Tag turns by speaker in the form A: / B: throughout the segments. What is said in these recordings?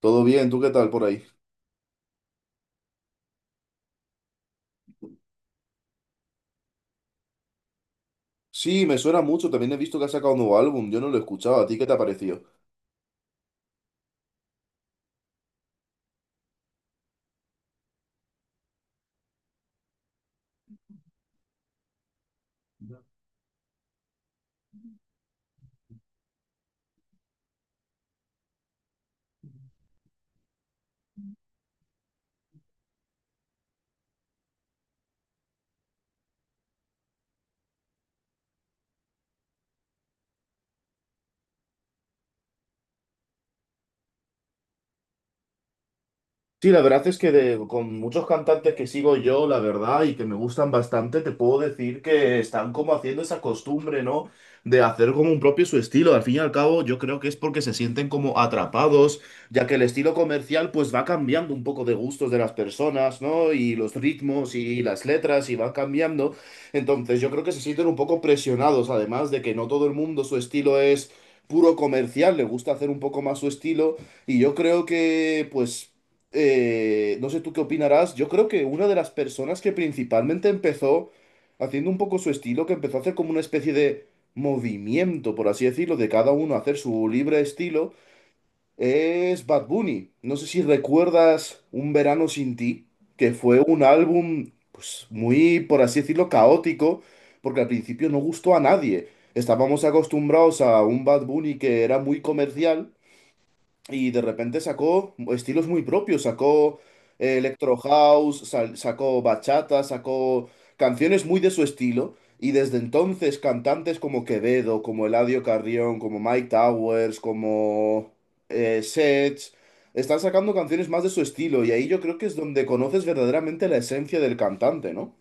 A: Todo bien, ¿tú qué tal por ahí? Sí, me suena mucho, también he visto que ha sacado un nuevo álbum, yo no lo escuchaba, ¿a ti qué te ha parecido? Sí, la verdad es que con muchos cantantes que sigo yo, la verdad, y que me gustan bastante, te puedo decir que están como haciendo esa costumbre, ¿no? De hacer como un propio su estilo. Al fin y al cabo, yo creo que es porque se sienten como atrapados, ya que el estilo comercial pues va cambiando un poco de gustos de las personas, ¿no? Y los ritmos y las letras y van cambiando. Entonces, yo creo que se sienten un poco presionados, además de que no todo el mundo su estilo es puro comercial, le gusta hacer un poco más su estilo. Y yo creo que, no sé tú qué opinarás, yo creo que una de las personas que principalmente empezó haciendo un poco su estilo, que empezó a hacer como una especie de movimiento, por así decirlo, de cada uno hacer su libre estilo, es Bad Bunny. No sé si recuerdas Un Verano Sin Ti, que fue un álbum, pues muy, por así decirlo, caótico, porque al principio no gustó a nadie. Estábamos acostumbrados a un Bad Bunny que era muy comercial y de repente sacó estilos muy propios, sacó electro house, sacó bachata, sacó canciones muy de su estilo, y desde entonces cantantes como Quevedo, como Eladio Carrión, como Mike Towers, como Sech, están sacando canciones más de su estilo, y ahí yo creo que es donde conoces verdaderamente la esencia del cantante, ¿no?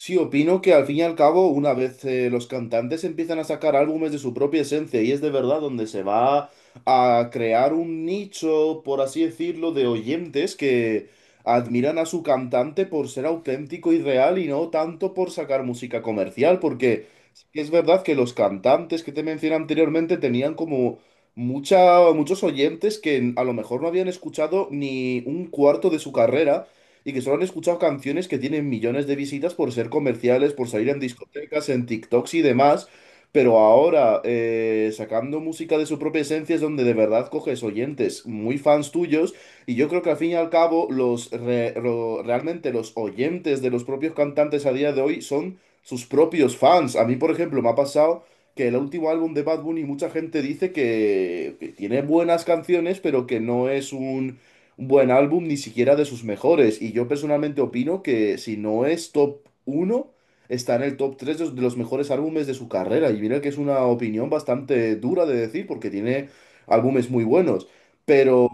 A: Sí, opino que al fin y al cabo, una vez los cantantes empiezan a sacar álbumes de su propia esencia y es de verdad donde se va a crear un nicho, por así decirlo, de oyentes que admiran a su cantante por ser auténtico y real y no tanto por sacar música comercial, porque sí que es verdad que los cantantes que te mencioné anteriormente tenían como muchos oyentes que a lo mejor no habían escuchado ni un cuarto de su carrera y que solo han escuchado canciones que tienen millones de visitas por ser comerciales, por salir en discotecas, en TikToks y demás. Pero ahora, sacando música de su propia esencia es donde de verdad coges oyentes muy fans tuyos. Y yo creo que al fin y al cabo, realmente los oyentes de los propios cantantes a día de hoy son sus propios fans. A mí, por ejemplo, me ha pasado que el último álbum de Bad Bunny, mucha gente dice que tiene buenas canciones, pero que no es un buen álbum, ni siquiera de sus mejores. Y yo personalmente opino que si no es top uno está en el top 3 de los mejores álbumes de su carrera. Y mira que es una opinión bastante dura de decir porque tiene álbumes muy buenos. Pero,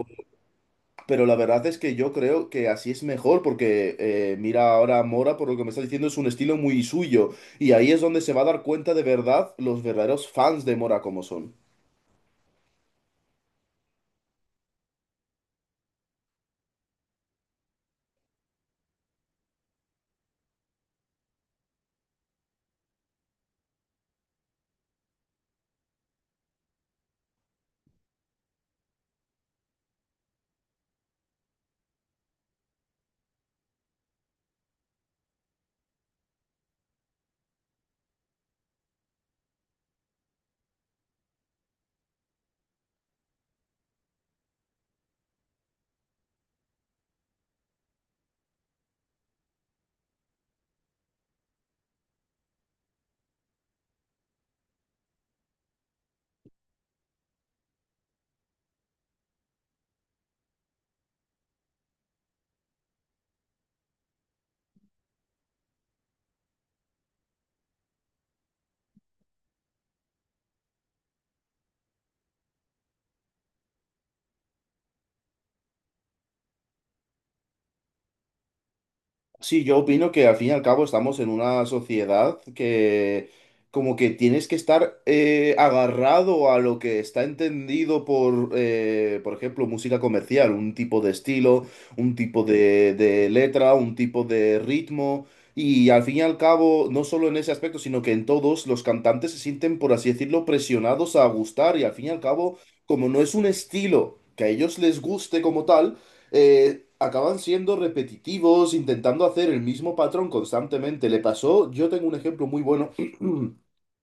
A: pero la verdad es que yo creo que así es mejor porque mira ahora Mora, por lo que me está diciendo, es un estilo muy suyo. Y ahí es donde se va a dar cuenta de verdad los verdaderos fans de Mora como son. Sí, yo opino que al fin y al cabo estamos en una sociedad que como que tienes que estar agarrado a lo que está entendido por ejemplo, música comercial, un tipo de estilo, un tipo de letra, un tipo de ritmo. Y al fin y al cabo, no solo en ese aspecto, sino que en todos los cantantes se sienten, por así decirlo, presionados a gustar. Y al fin y al cabo, como no es un estilo que a ellos les guste como tal, acaban siendo repetitivos, intentando hacer el mismo patrón constantemente. Le pasó, yo tengo un ejemplo muy bueno.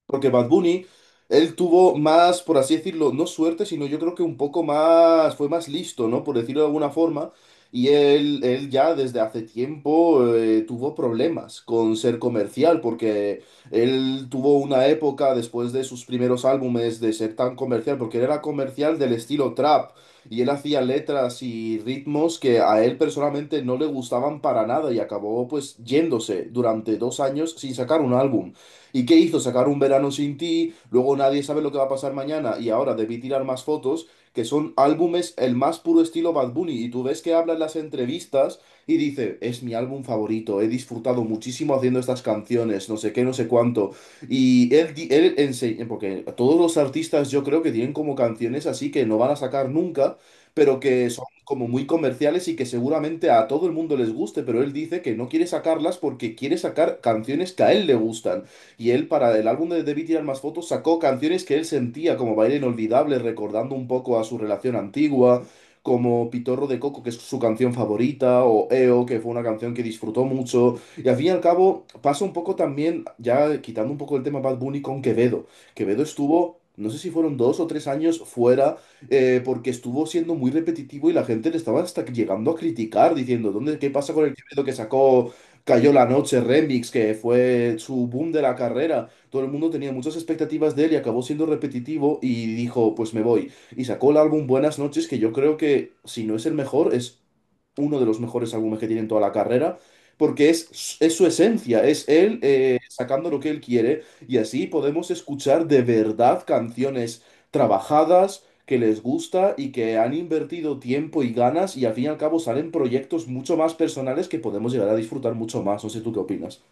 A: Porque Bad Bunny, él tuvo más, por así decirlo, no suerte, sino yo creo que un poco más, fue más listo, ¿no? Por decirlo de alguna forma. Y él ya desde hace tiempo tuvo problemas con ser comercial, porque él tuvo una época después de sus primeros álbumes de ser tan comercial, porque él era comercial del estilo trap, y él hacía letras y ritmos que a él personalmente no le gustaban para nada, y acabó pues yéndose durante dos años sin sacar un álbum. ¿Y qué hizo? Sacar un verano sin ti, luego nadie sabe lo que va a pasar mañana y ahora debí tirar más fotos, que son álbumes el más puro estilo Bad Bunny. Y tú ves que habla en las entrevistas y dice, es mi álbum favorito, he disfrutado muchísimo haciendo estas canciones, no sé qué, no sé cuánto. Y él enseña, porque todos los artistas yo creo que tienen como canciones así que no van a sacar nunca pero que son como muy comerciales y que seguramente a todo el mundo les guste, pero él dice que no quiere sacarlas porque quiere sacar canciones que a él le gustan. Y él, para el álbum de Debí tirar más fotos, sacó canciones que él sentía como Baile Inolvidable, recordando un poco a su relación antigua, como Pitorro de Coco, que es su canción favorita, o EO, que fue una canción que disfrutó mucho. Y al fin y al cabo, pasa un poco también, ya quitando un poco el tema Bad Bunny con Quevedo. Quevedo estuvo. No sé si fueron dos o tres años fuera, porque estuvo siendo muy repetitivo y la gente le estaba hasta llegando a criticar, diciendo, ¿ qué pasa con el Quevedo que sacó Cayó la noche, Remix, que fue su boom de la carrera. Todo el mundo tenía muchas expectativas de él y acabó siendo repetitivo y dijo, pues me voy. Y sacó el álbum Buenas noches, que yo creo que si no es el mejor, es uno de los mejores álbumes que tiene en toda la carrera, porque es su esencia, es él sacando lo que él quiere y así podemos escuchar de verdad canciones trabajadas que les gusta y que han invertido tiempo y ganas y al fin y al cabo salen proyectos mucho más personales que podemos llegar a disfrutar mucho más. No sé tú qué opinas.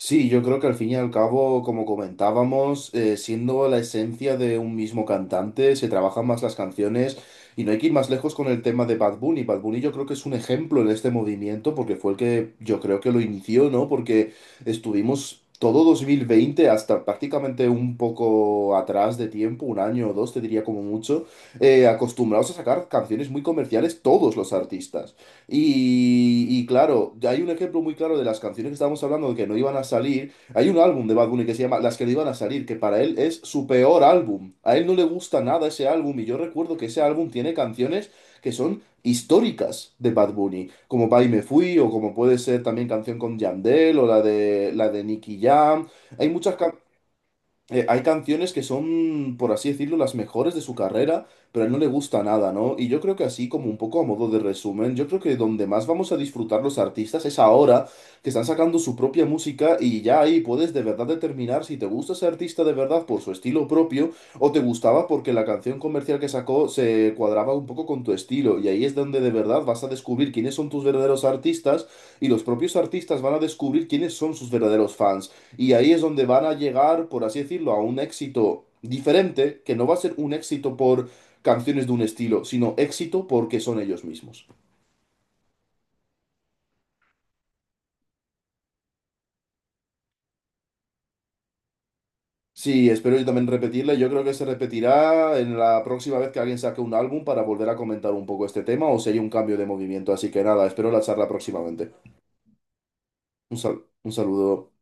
A: Sí, yo creo que al fin y al cabo, como comentábamos, siendo la esencia de un mismo cantante, se trabajan más las canciones y no hay que ir más lejos con el tema de Bad Bunny. Bad Bunny yo creo que es un ejemplo en este movimiento porque fue el que yo creo que lo inició, ¿no? Porque estuvimos todo 2020 hasta prácticamente un poco atrás de tiempo, un año o dos, te diría como mucho, acostumbrados a sacar canciones muy comerciales todos los artistas. Y claro, hay un ejemplo muy claro de las canciones que estábamos hablando de que no iban a salir. Hay un álbum de Bad Bunny que se llama Las que no iban a salir, que para él es su peor álbum. A él no le gusta nada ese álbum y yo recuerdo que ese álbum tiene canciones que son históricas de Bad Bunny, como Pa' y me fui o como puede ser también canción con Yandel o la de Nicky Jam. Hay muchas canciones hay canciones que son, por así decirlo, las mejores de su carrera, pero a él no le gusta nada, ¿no? Y yo creo que así, como un poco a modo de resumen, yo creo que donde más vamos a disfrutar los artistas es ahora que están sacando su propia música y ya ahí puedes de verdad determinar si te gusta ese artista de verdad por su estilo propio o te gustaba porque la canción comercial que sacó se cuadraba un poco con tu estilo. Y ahí es donde de verdad vas a descubrir quiénes son tus verdaderos artistas y los propios artistas van a descubrir quiénes son sus verdaderos fans. Y ahí es donde van a llegar, por así decirlo, a un éxito diferente, que no va a ser un éxito por canciones de un estilo, sino éxito porque son ellos mismos. Sí, espero yo también repetirle. Yo creo que se repetirá en la próxima vez que alguien saque un álbum para volver a comentar un poco este tema o si hay un cambio de movimiento. Así que nada, espero la charla próximamente. Un saludo.